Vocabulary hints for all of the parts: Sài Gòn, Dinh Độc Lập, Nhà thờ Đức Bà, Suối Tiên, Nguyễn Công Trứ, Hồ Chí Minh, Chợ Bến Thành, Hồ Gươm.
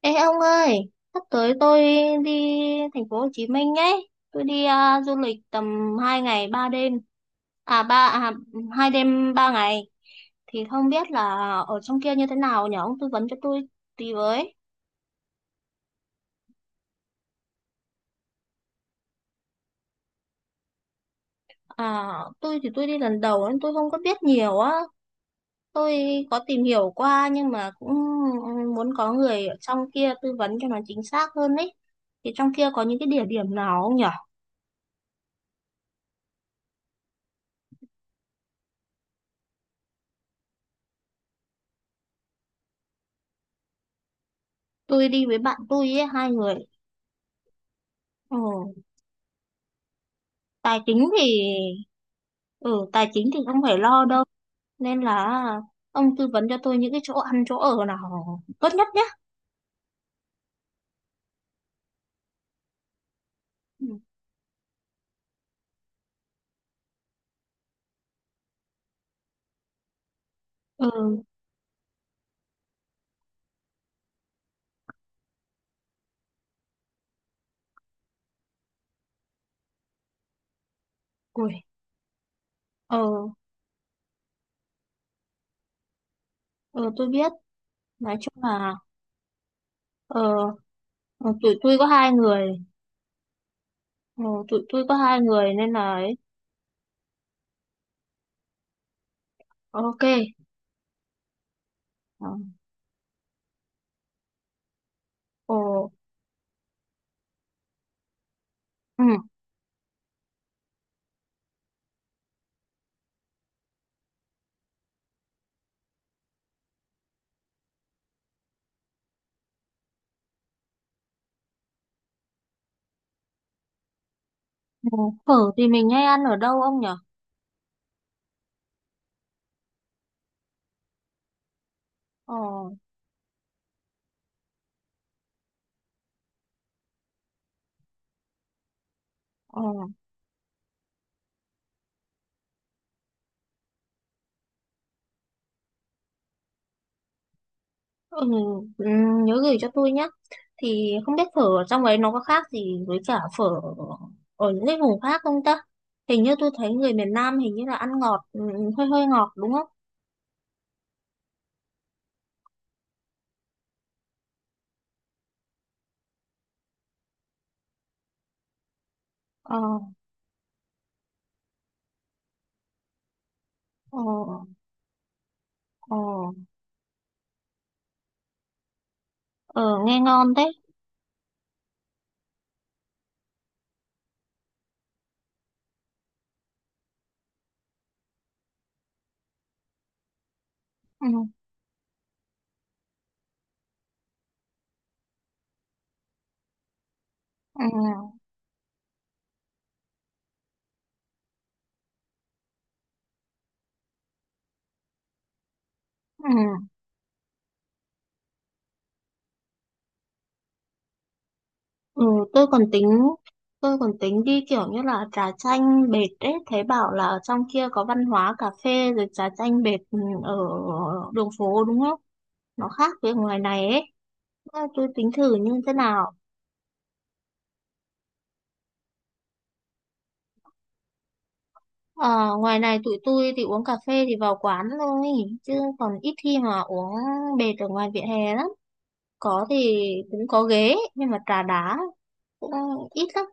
Ê ông ơi, sắp tới tôi đi thành phố Hồ Chí Minh ấy. Tôi đi à, du lịch tầm 2 ngày 3 đêm. À ba à, 2 đêm 3 ngày thì không biết là ở trong kia như thế nào nhỉ? Ông tư vấn cho tôi tí với. À tôi thì tôi đi lần đầu nên tôi không có biết nhiều á. Tôi có tìm hiểu qua nhưng mà cũng muốn có người ở trong kia tư vấn cho nó chính xác hơn ấy. Thì trong kia có những cái địa điểm nào không nhỉ? Tôi đi với bạn tôi ấy, hai người. Ừ, tài chính thì ừ tài chính thì không phải lo đâu nên là ông tư vấn cho tôi những cái chỗ ăn chỗ ở nào tốt nhất nhé. Ừ. Ừ. Ui. Ờ. Ờ, tôi biết, nói chung là ờ, ờ, tụi tôi có hai người. Ờ, tụi tôi có hai người nên là ấy. OK. Ờ. Ờ. Ừ. Ừ. Phở thì mình hay ăn ở đâu ông nhỉ? Ờ. Ờ. Ừ. Ừ, nhớ gửi cho tôi nhé. Thì không biết phở ở trong ấy nó có khác gì với cả phở ở những cái vùng khác không ta? Hình như tôi thấy người miền Nam hình như là ăn ngọt, ừ, hơi hơi ngọt đúng không? Ờ. Ờ. Ờ. Ờ, nghe ngon thế. Ừ. Ừ. Ừ. Ừ, tôi còn tính, tôi còn tính đi kiểu như là trà chanh bệt ấy. Thấy bảo là ở trong kia có văn hóa cà phê rồi trà chanh bệt, ừ, ở đường phố đúng không? Nó khác với ngoài này ấy. À, tôi tính thử như thế nào. Ờ, ngoài này tụi tôi thì uống cà phê thì vào quán thôi chứ còn ít khi mà uống bệt ở ngoài vỉa hè lắm, có thì cũng có ghế nhưng mà trà đá cũng ít lắm.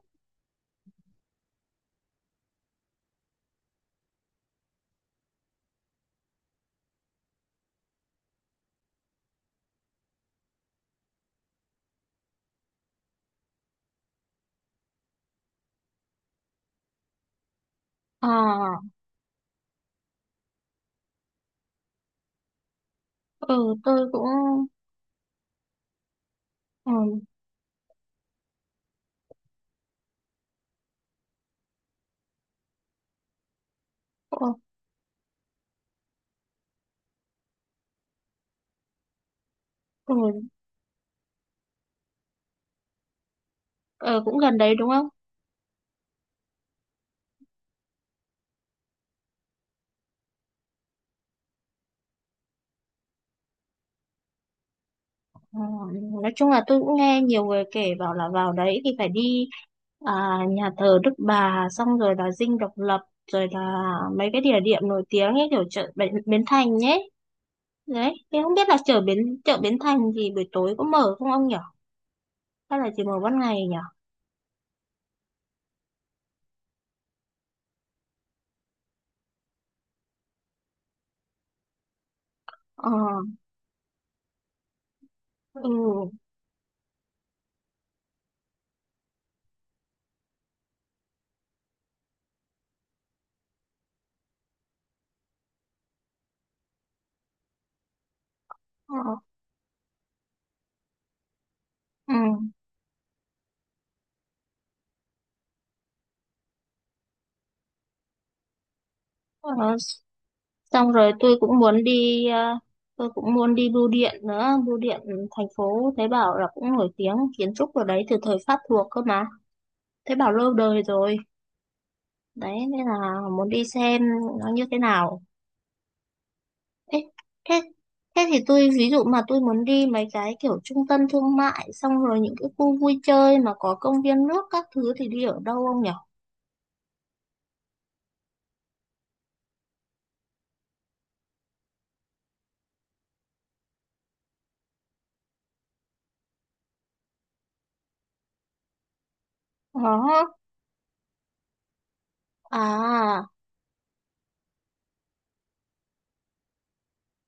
Ờ. Ừ tôi cũng ừ. Ừ. Ừ. Ờ, cũng gần đấy đúng không? Ờ, nói chung là tôi cũng nghe nhiều người kể bảo là vào đấy thì phải đi à, nhà thờ Đức Bà xong rồi là Dinh Độc Lập rồi là mấy cái địa điểm nổi tiếng ấy, kiểu chợ Bến Bến Thành nhé. Đấy, em không biết là chợ chợ Bến Thành thì buổi tối có mở không ông nhỉ? Hay là chỉ mở ban ngày nhỉ? Ờ. Ừ. Ờ. Ừ. Ờ, xong rồi tôi cũng muốn đi, tôi cũng muốn đi bưu điện nữa. Bưu điện thành phố thấy bảo là cũng nổi tiếng kiến trúc ở đấy từ thời Pháp thuộc cơ mà. Thấy bảo lâu đời rồi. Đấy, nên là muốn đi xem nó như thế nào. Thế, thế, Thế thì tôi ví dụ mà tôi muốn đi mấy cái kiểu trung tâm thương mại xong rồi những cái khu vui chơi mà có công viên nước các thứ thì đi ở đâu không nhỉ? Đó. À.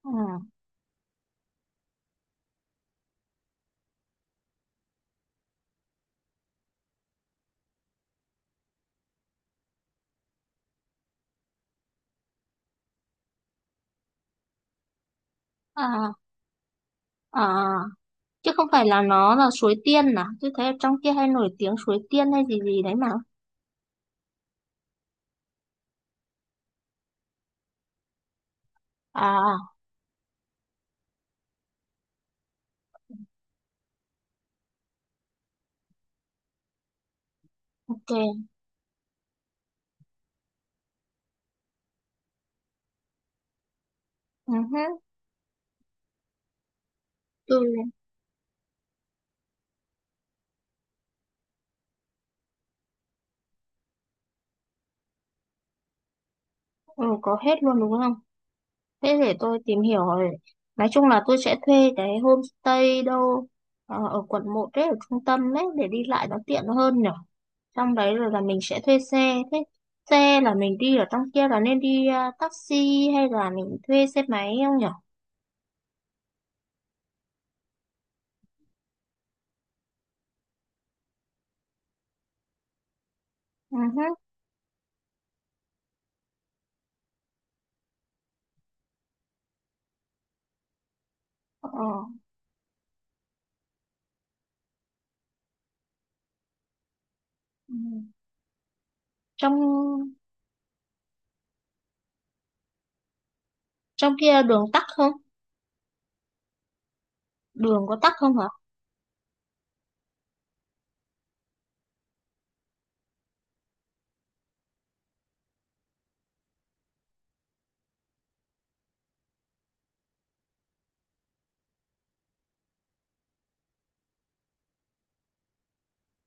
Ừ. À. À. Chứ không phải là nó là Suối Tiên à? Tôi thấy ở trong kia hay nổi tiếng Suối Tiên hay gì gì đấy mà. À, OK. Ừ hứ. Tôi ừ, có hết luôn đúng không? Thế để tôi tìm hiểu rồi. Nói chung là tôi sẽ thuê cái homestay đâu ờ, ở quận một đấy, ở trung tâm đấy để đi lại nó tiện hơn nhở. Trong đấy rồi là mình sẽ thuê xe. Thế xe là mình đi ở trong kia là nên đi ờ, taxi hay là mình thuê xe máy không nhở? Ừ hứ. Ờ. Ừ. Trong trong kia đường tắc không? Đường có tắc không hả?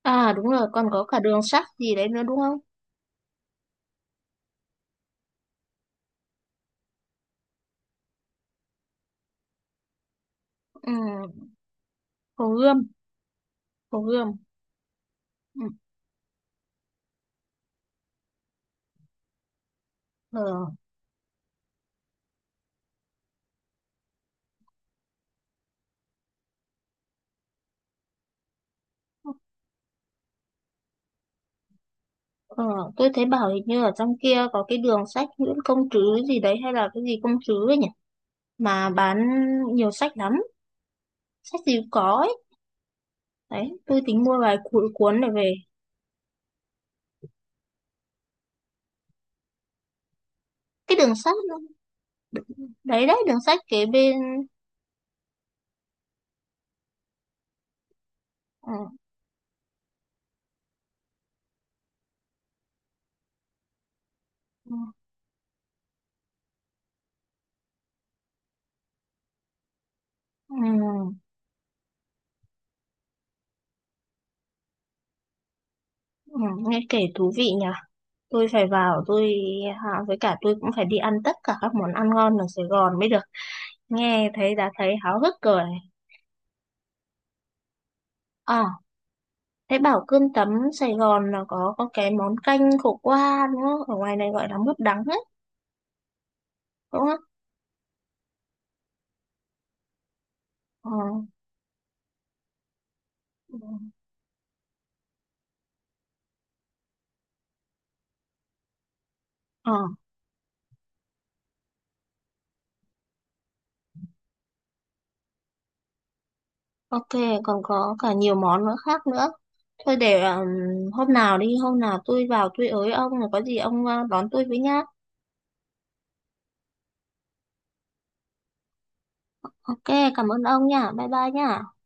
À đúng rồi, còn có cả đường sắt gì đấy nữa đúng không? Ừ, Hồ Gươm, Hồ Gươm. Ừ. Ờ. Ờ, tôi thấy bảo hình như ở trong kia có cái đường sách Nguyễn Công Trứ gì đấy hay là cái gì Công Trứ ấy nhỉ, mà bán nhiều sách lắm, sách gì cũng có ấy. Đấy tôi tính mua vài cuốn cuốn để về. Cái đường sách nó- đấy đấy đường sách kế bên. Ừ. Ừ. Ừ. Ừ, nghe kể thú vị nhỉ. Tôi phải vào tôi à, với cả tôi cũng phải đi ăn tất cả các món ăn ngon ở Sài Gòn mới được. Nghe thấy đã thấy háo hức rồi. À. Thế bảo cơm tấm Sài Gòn là có cái món canh khổ qua đúng không? Ở ngoài này gọi là mướp đắng đấy, đúng không? Ờ. Ừ. Ờ, OK, còn có cả nhiều món nữa khác nữa. Thôi để hôm nào đi, hôm nào tôi vào tôi ới ông rồi có gì ông đón tôi với nhá. OK, cảm ơn ông nha. Bye bye nha.